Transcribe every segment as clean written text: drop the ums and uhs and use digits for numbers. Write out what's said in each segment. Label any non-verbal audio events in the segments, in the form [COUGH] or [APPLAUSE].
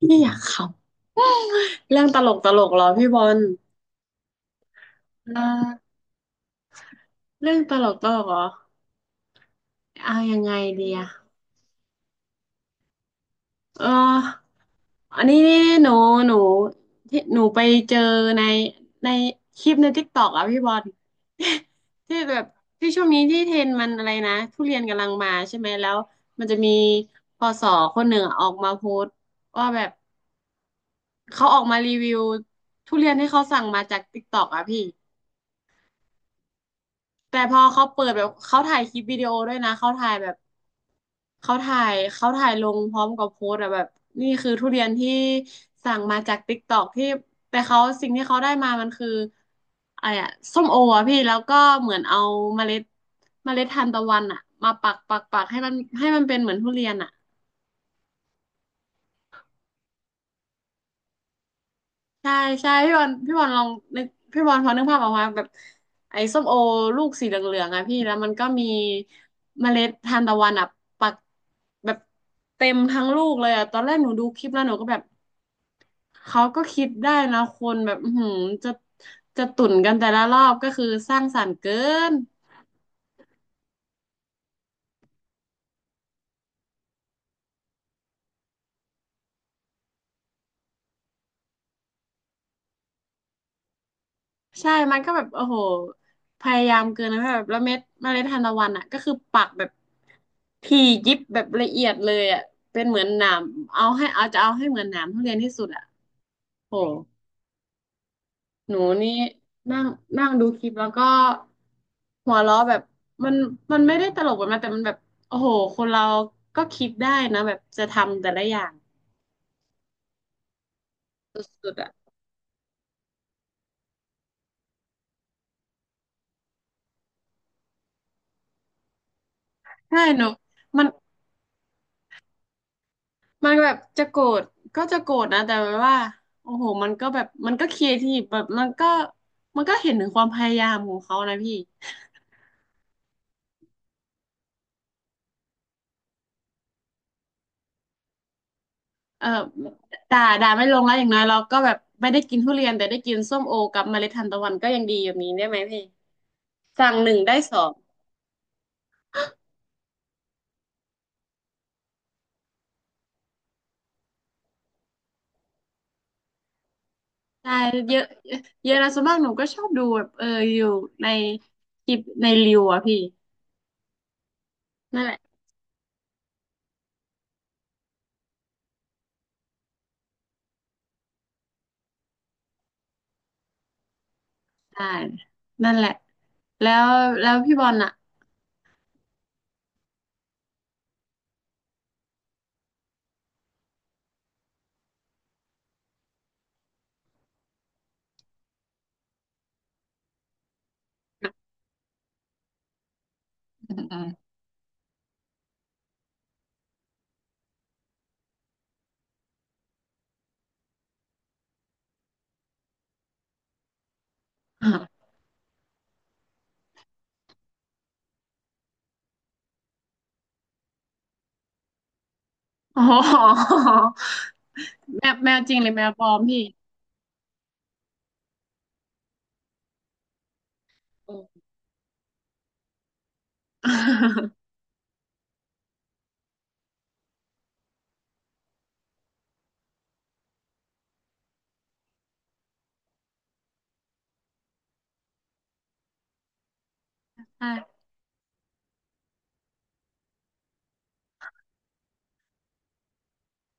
พี่อยากขำเรื่องตลกตลกเหรอพี่บอลเออเรื่องตลกตลกเหรอเอายังไงดีอะเอออันนี้นี่หนูหนูที่หนูไปเจอในในคลิปในทิกตอกอะพี่บอล [LAUGHS] ที่แบบที่ช่วงนี้ที่เทรนด์มันอะไรนะทุเรียนกำลังมาใช่ไหมแล้วมันจะมีพสคนหนึ่งออกมาโพสต์ว่าแบบเขาออกมารีวิวทุเรียนที่เขาสั่งมาจากทิกตอกอะพี่ แต่พอเขาเปิดแบบเขาถ่ายคลิปวิดีโอด้วยนะเขาถ่ายแบบเขาถ่ายลงพร้อมกับโพสต์อะแบบนี่คือทุเรียนที่สั่งมาจากติ๊กตอกที่แต่เขาสิ่งที่เขาได้มามันคืออะไรอะส้มโออะพี่แล้วก็เหมือนเอาเมล็ดเมล็ดทานตะวันอะมาปักปักปักให้มันเป็นเหมือนทุเรียนอะ ใช่ใช่พี่บอลลองนึกพี่บอลพอนึกภาพออกมาแบบไอ้ส้มโอลูกสีเหลืองๆอะพี่แล้วมันก็มีเมล็ดทานตะวันอะปักแบบเต็มทั้งลูกเลยอะตอนแรกหนูดูคลิปแล้วหนูก็แบบเขาก็คิดได้นะคนแบบอื้อหือจะจะตุ่นกันแต่ละรอบก็คือสร้างสรรค์เกิน ใช่ มันก็แบบโอ้โหพยายามเกินนะแบบแล้วเมล็ดทานตะวันอ่ะก็คือปักแบบถี่ยิบแบบละเอียดเลยอ่ะเป็นเหมือนหนามเอาให้เอาจะเอาให้เหมือนหนามทุเรียนที่สุดอ่ะโหหนูนี่นั่งนั่งดูคลิปแล้วก็หัวเราะแบบมันมันไม่ได้ตลกแบบนั้นแต่มันแบบโอ้โห คนเราก็คิดได้นะแบบจะทำแต่ละอย่างสุดๆอ่ะใช่หนูมัน มันแบบจะโกรธก็จะโกรธนะแต่แบบว่าโอ้โหมันก็ครีเอทีฟแบบมันก็เห็นถึงความพยายามของเขานะพี่เออด่าไม่ลงแล้วอย่างน้อยเราก็แบบไม่ได้กินทุเรียนแต่ได้กินส้มโอกับเมล็ดทานตะวันก็ยังดีแบบนี้ได้ไหมพี่สั่งหนึ่งได้สองใช่เยอะเยอะนะส่วนมากหนูก็ชอบดูแบบเอออยู่ในคลิปในรีวอะพี่นั่นแหละใช่นั่นแหละแล้วแล้วพี่บอลอะ [LAUGHS] ออ๋อ แมวแมวจริงหรือแมวปลอมพี่อืม [LAUGHS] ใช่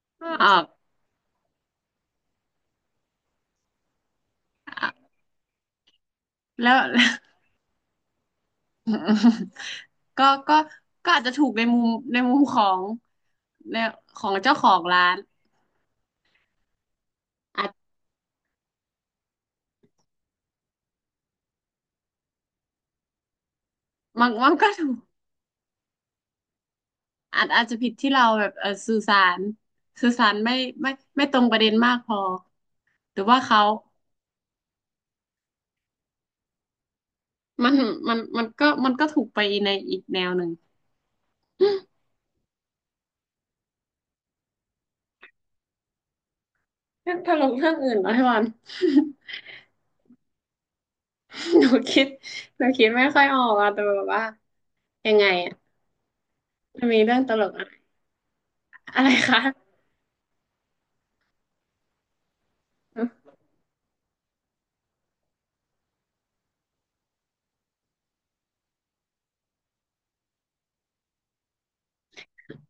[LAUGHS] ก็ออกแล้ว [LAUGHS] ก็ก็ก็อาจจะถูกในมุมในมุมในของเจ้าของร้านอาจมันก็ถูกอาจจะผิดที่เราแบบเออสื่อสารสื่อสารไม่ไม่ตรงประเด็นมากพอหรือว่าเขามันมันก็ถูกไปในอีกแนวหนึ่งถ้าลงเรื่องอื่นนะพี่บอล [LAUGHS] หนูคิดหนูคิดไม่ค่อยออกอะแต่แบบว่ายังไงอะ มันมีเรื่องตลกอะไรอะไรคะ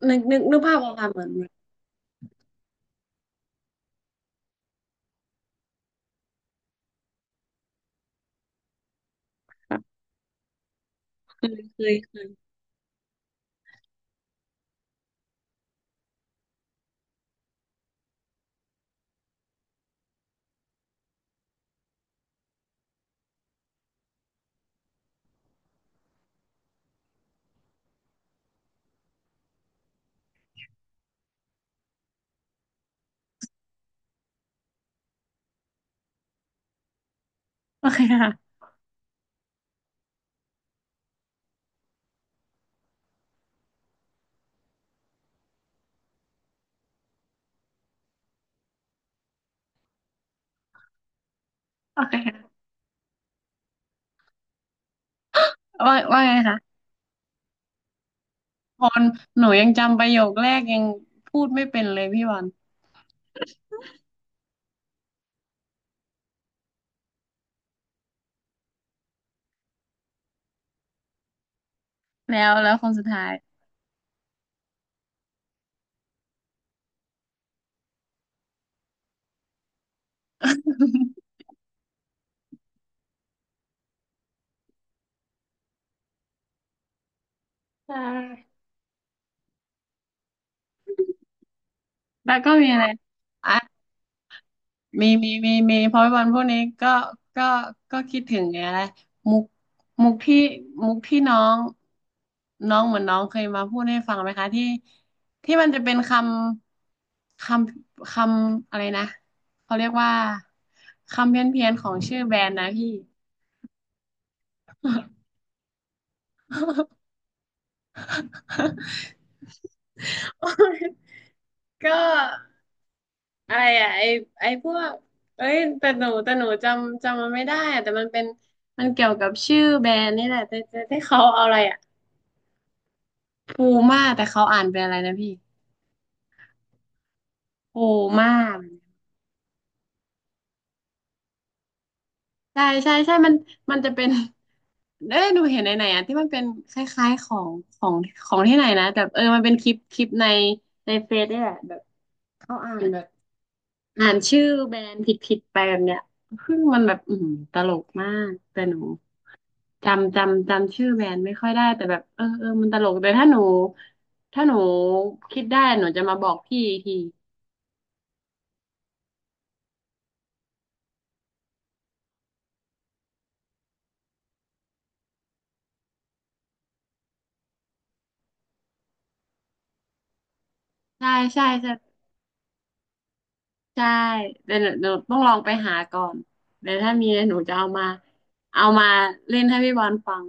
นึกภาพออกค่ะเหมือนค่ะเคยโอเคค่ะโอเคค่ะว่าไงคะตอนหนูยังจำประโยคแรกยังพูดไม่เป็นเลยพี่วันแล้วคนสุดท้าย [LAUGHS] ใช่แล้วก็มีอะไร มีเพราะวันพวกนี้ก็ก็ก็คิดถึงไงอะไรมุกมุกที่มุกที่น้องน้องเหมือนน้องเคยมาพูดให้ฟังไหมคะที่ที่มันจะเป็นคำำคอะไรนะเขาเรียกว่าคำเพี้ยนเพียนของชื่อแบรนด์นะพี่ [LAUGHS] ก็อะไรอะไอพวกเอ้ยแต่หนูจำมันไม่ได้อะแต่มันเป็นมันเกี่ยวกับชื่อแบรนด์นี่แหละแต่แต่ที่เขาเอาอะไรอ่ะ ปูม่าแต่เขาอ่านเป็นอะไรนะพี่ปูม่าใช่ใช่มันมันจะเป็น [LAUGHS] เอ้ยหนูเห็นไหนไหนอ่ะที่มันเป็นคล้ายๆของของของที่ไหนนะแต่เออมันเป็นคลิปในเฟซเนี่ยแหละแบบเขาอ่านแบบอ่านชื่อแบรนด์ผิดๆไปแบบเนี้ยซึ่งมันแบบอืมตลกมากแต่หนูจำชื่อแบรนด์ไม่ค่อยได้แต่แบบเออเออมันตลกแต่ถ้าหนูถ้าหนูคิดได้หนูจะมาบอกพี่อีกทีใช่ใช่ใช่ ใช่เดี๋ยวหนูต้องลองไปหาก่อนเดี๋ยวถ้ามีเดี๋ยวหนูจะเอามาเอามาเล่นให้พี่บอลฟัง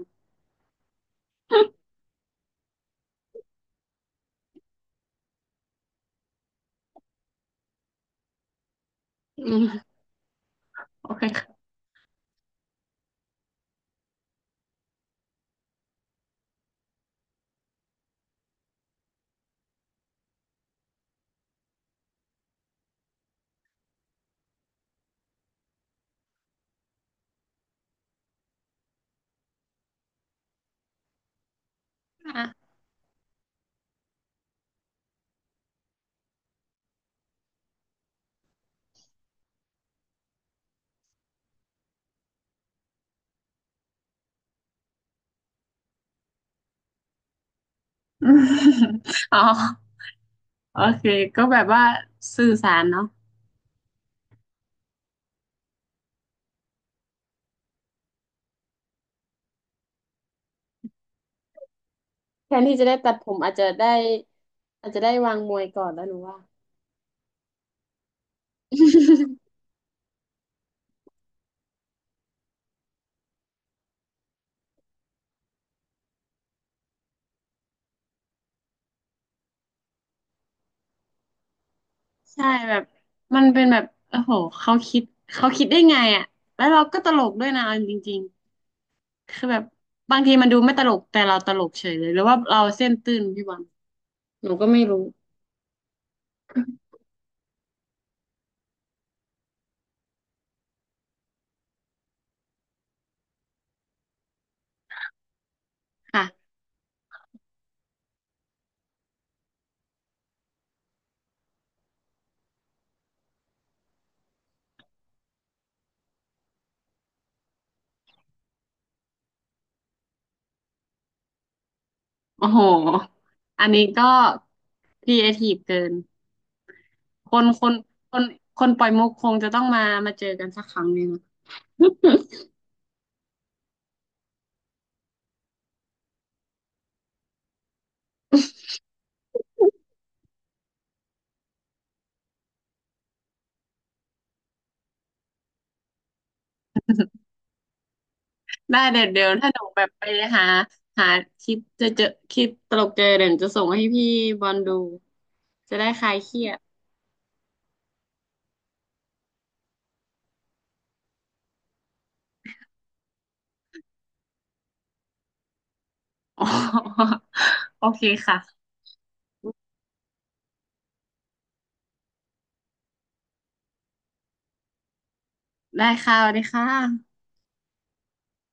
อืมโอเคค่ะอะอ๋อโอเคก็แบบว่าสื่อสารเนาะแทนที่จะได้ตัดผมอาจจะได้อาจจะได้วางมวยก่อนแล้วหนูว่าใช่แบบมันเป็นแบบโอ้โหเขาคิดเขาคิดได้ไงอ่ะแล้วเราก็ตลกด้วยนะเอาจริงๆคือแบบบางทีมันดูไม่ตลกแต่เราตลกเฉยเลยหรือว่าเราเส้นตื้นพี่บอลหนูก็ไม่รู้ ค่ะ โอ้โห อันนี้ก็ครีเอทีฟเกินคนคนคนคนปล่อยมุกคงจะต้องมามาเจอกันสักครั้งหนึ่ง [LAUGHS] ได้เดี๋ยวถ้าหนูแบบไปหาหาคลิปเจะเจอคลิปตลกเจอเดี๋ยวหนูจะส่งให้พี่บอลดู จะได้คลายเครียด [LAUGHS] อ๋อโอเคค่ะ ได้ค่ะสวัสดีค่ะ